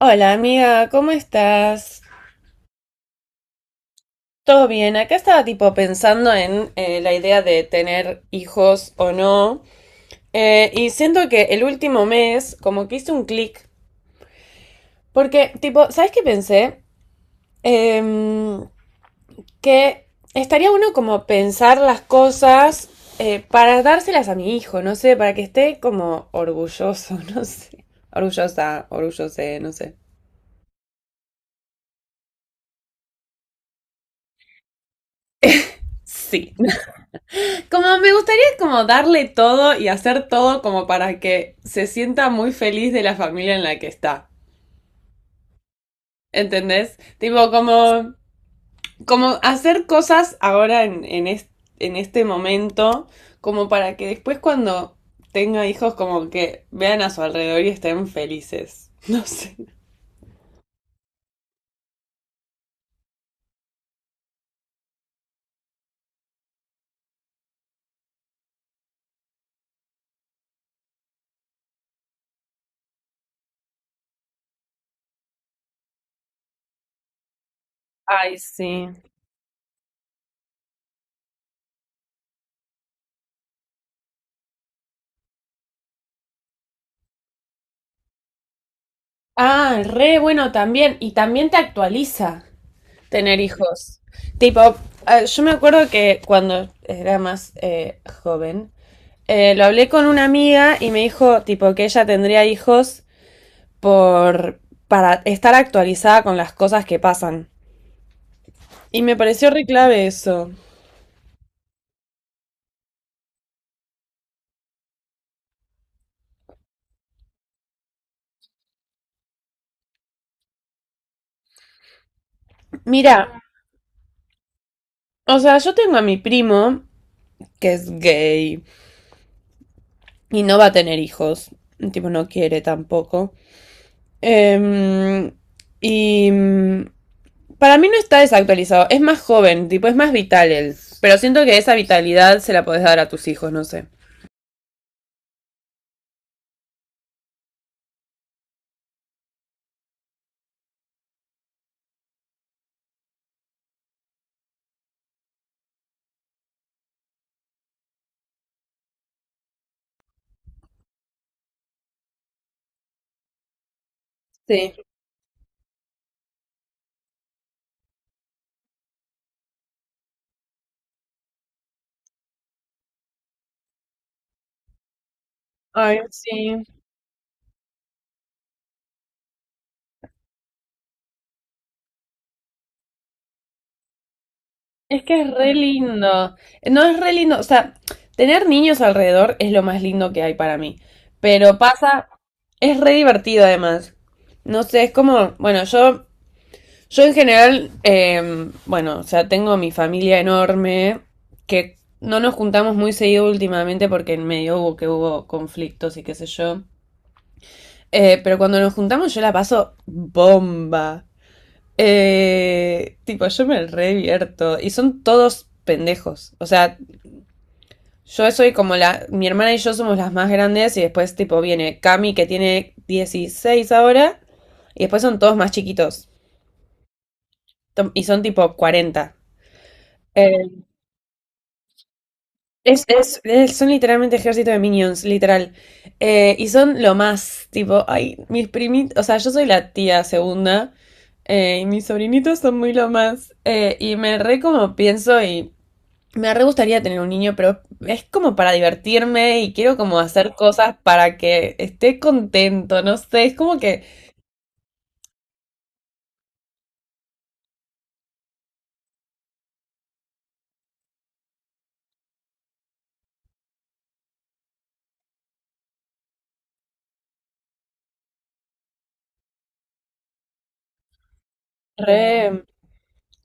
Hola amiga, ¿cómo estás? ¿Todo bien? Acá estaba tipo pensando en la idea de tener hijos o no. Y siento que el último mes como que hice un clic. Porque tipo, ¿sabes qué pensé? Em, que estaría uno como pensar las cosas para dárselas a mi hijo, no sé, para que esté como orgulloso, no sé. Orgullosa, orgullose, no sé. Sí. Como me gustaría como darle todo y hacer todo como para que se sienta muy feliz de la familia en la que está. ¿Entendés? Tipo, como, como hacer cosas ahora en este momento, como para que después cuando tenga hijos, como que vean a su alrededor y estén felices. No sé. Ay, sí. Ah, re bueno también. Y también te actualiza. Tener hijos. Tipo, ah, yo me acuerdo que cuando era más joven, lo hablé con una amiga y me dijo, tipo, que ella tendría hijos por, para estar actualizada con las cosas que pasan. Y me pareció re clave eso. Mira, o sea, yo tengo a mi primo, que es gay, y no va a tener hijos. Tipo, no quiere tampoco. Em, y mm, para mí no está desactualizado, es más joven, tipo, es más vital él. Pero siento que esa vitalidad se la podés dar a tus hijos, no sé. Sí. Ay, sí. Es que es re lindo. No es re lindo, o sea, tener niños alrededor es lo más lindo que hay para mí. Pero pasa, es re divertido además. No sé, es como, bueno, yo en general, bueno, o sea, tengo mi familia enorme, que no nos juntamos muy seguido últimamente porque en medio hubo conflictos y qué sé yo. Pero cuando nos juntamos yo la paso bomba. Tipo, yo me revierto. Y son todos pendejos. O sea, yo soy como la... Mi hermana y yo somos las más grandes y después tipo viene Cami que tiene 16 ahora y después son todos más chiquitos. Y son tipo 40. Eh, Son literalmente ejército de minions, literal. Y son lo más, tipo, ay, mis primitos, o sea, yo soy la tía segunda, y mis sobrinitos son muy lo más. Y me re como pienso y me re gustaría tener un niño, pero es como para divertirme y quiero como hacer cosas para que esté contento, no sé, es como que re,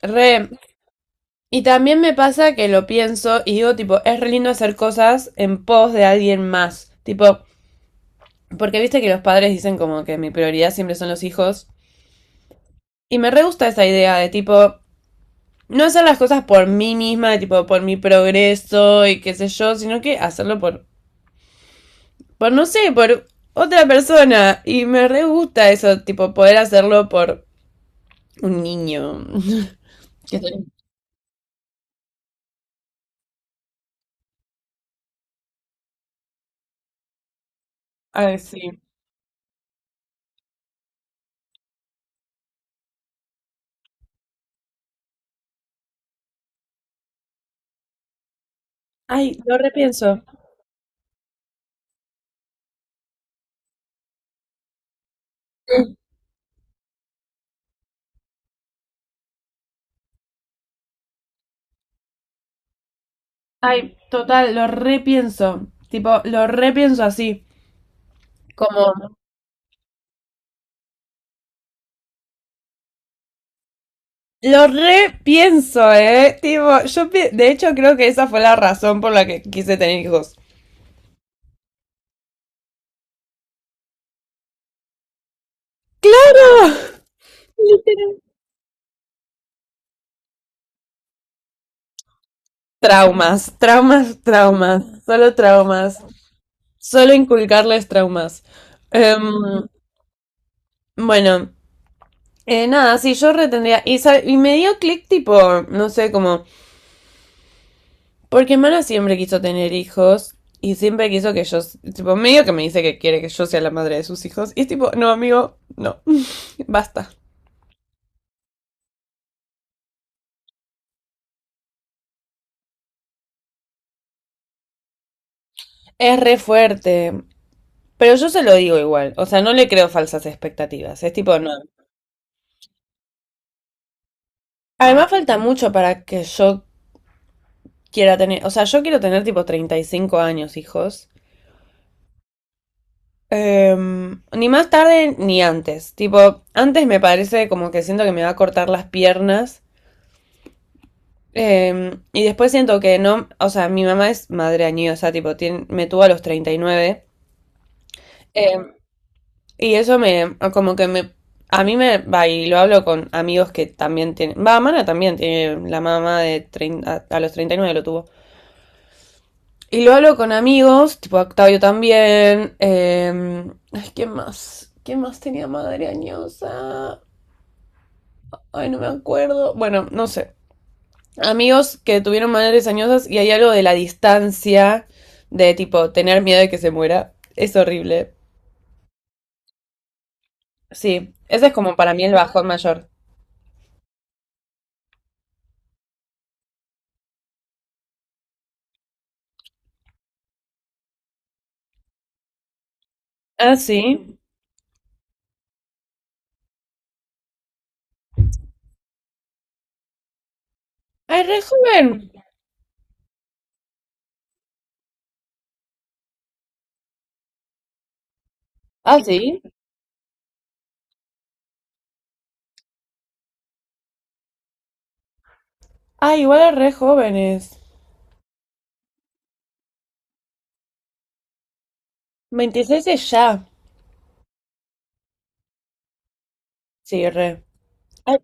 re. Y también me pasa que lo pienso y digo, tipo, es re lindo hacer cosas en pos de alguien más, tipo... Porque viste que los padres dicen como que mi prioridad siempre son los hijos. Y me re gusta esa idea de tipo, no hacer las cosas por mí misma, de tipo, por mi progreso y qué sé yo, sino que hacerlo por no sé, por otra persona. Y me re gusta eso, tipo, poder hacerlo por un niño. Que- Ay, sí. Ay, lo repienso. Ay, total, lo repienso. Tipo, lo repienso así. Como lo repienso, ¿eh? Tipo, de hecho creo que esa fue la razón por la que quise tener hijos. Literal. Traumas, traumas, traumas, solo inculcarles traumas. Em, bueno, nada, sí, yo retendría. Y, y me dio clic tipo, no sé, como, porque Mana siempre quiso tener hijos y siempre quiso que tipo, medio que me dice que quiere que yo sea la madre de sus hijos. Y es tipo, no, amigo, no, basta. Es re fuerte. Pero yo se lo digo igual, o sea, no le creo falsas expectativas, es tipo, no. Además falta mucho para que yo quiera tener, o sea, yo quiero tener tipo 35 años, hijos. Ni más tarde ni antes, tipo, antes me parece como que siento que me va a cortar las piernas. Y después siento que no, o sea, mi mamá es madre añosa, tipo, me tuvo a los 39. em, Y eso me, como que me, a mí me, va, y lo hablo con amigos que también tienen, va, Mana también tiene, la mamá los 39 lo tuvo. Y lo hablo con amigos, tipo Octavio también, ay, ¿quién más? ¿Quién más tenía madre añosa? Ay, no me acuerdo. Bueno, no sé. Amigos que tuvieron madres añosas y hay algo de la distancia, de tipo tener miedo de que se muera. Es horrible. Sí, ese es como para mí el bajón mayor. Ah, sí. Es re joven. Ah, sí. Ah, igual es re jóvenes. 26 es ya. Sí, re. Ay,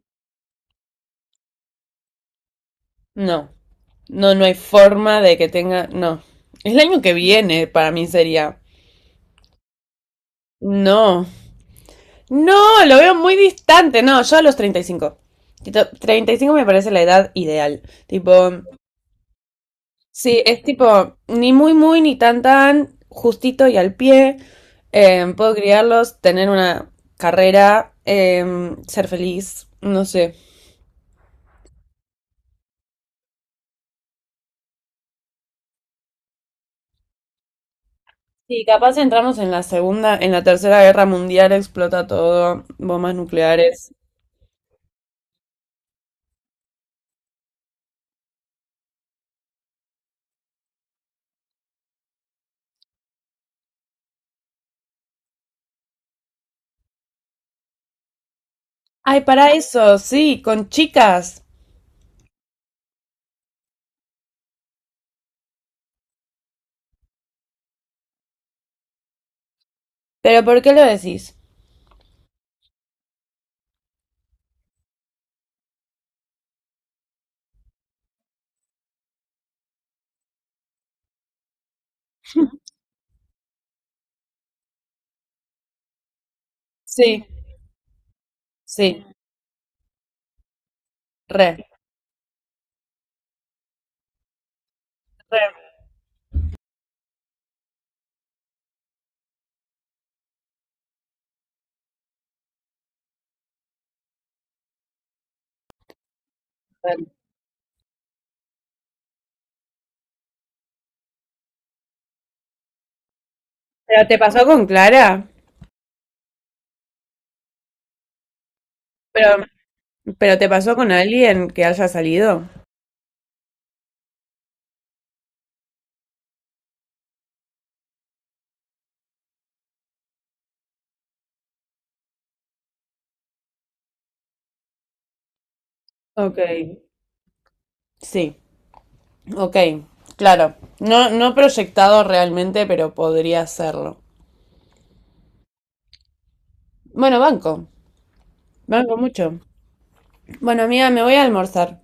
no. No, no hay forma de que tenga. No. Es el año que viene, para mí sería. No. No, lo veo muy distante. No, yo a los 35. Tipo, 35 me parece la edad ideal. Tipo, sí, es tipo ni muy muy ni tan tan, justito y al pie. Puedo criarlos, tener una carrera, ser feliz, no sé. Sí, capaz entramos en la segunda, en la tercera guerra mundial, explota todo, bombas nucleares. Ay, para eso, sí, con chicas. Pero ¿por qué lo decís? Sí, sí, re, re, re. ¿Pero te pasó con Clara? ¿Pero, pero te pasó con alguien que haya salido? Ok, sí. Ok, claro. No, no proyectado realmente, pero podría hacerlo. Bueno, banco. Banco mucho. Bueno, amiga, me voy a almorzar.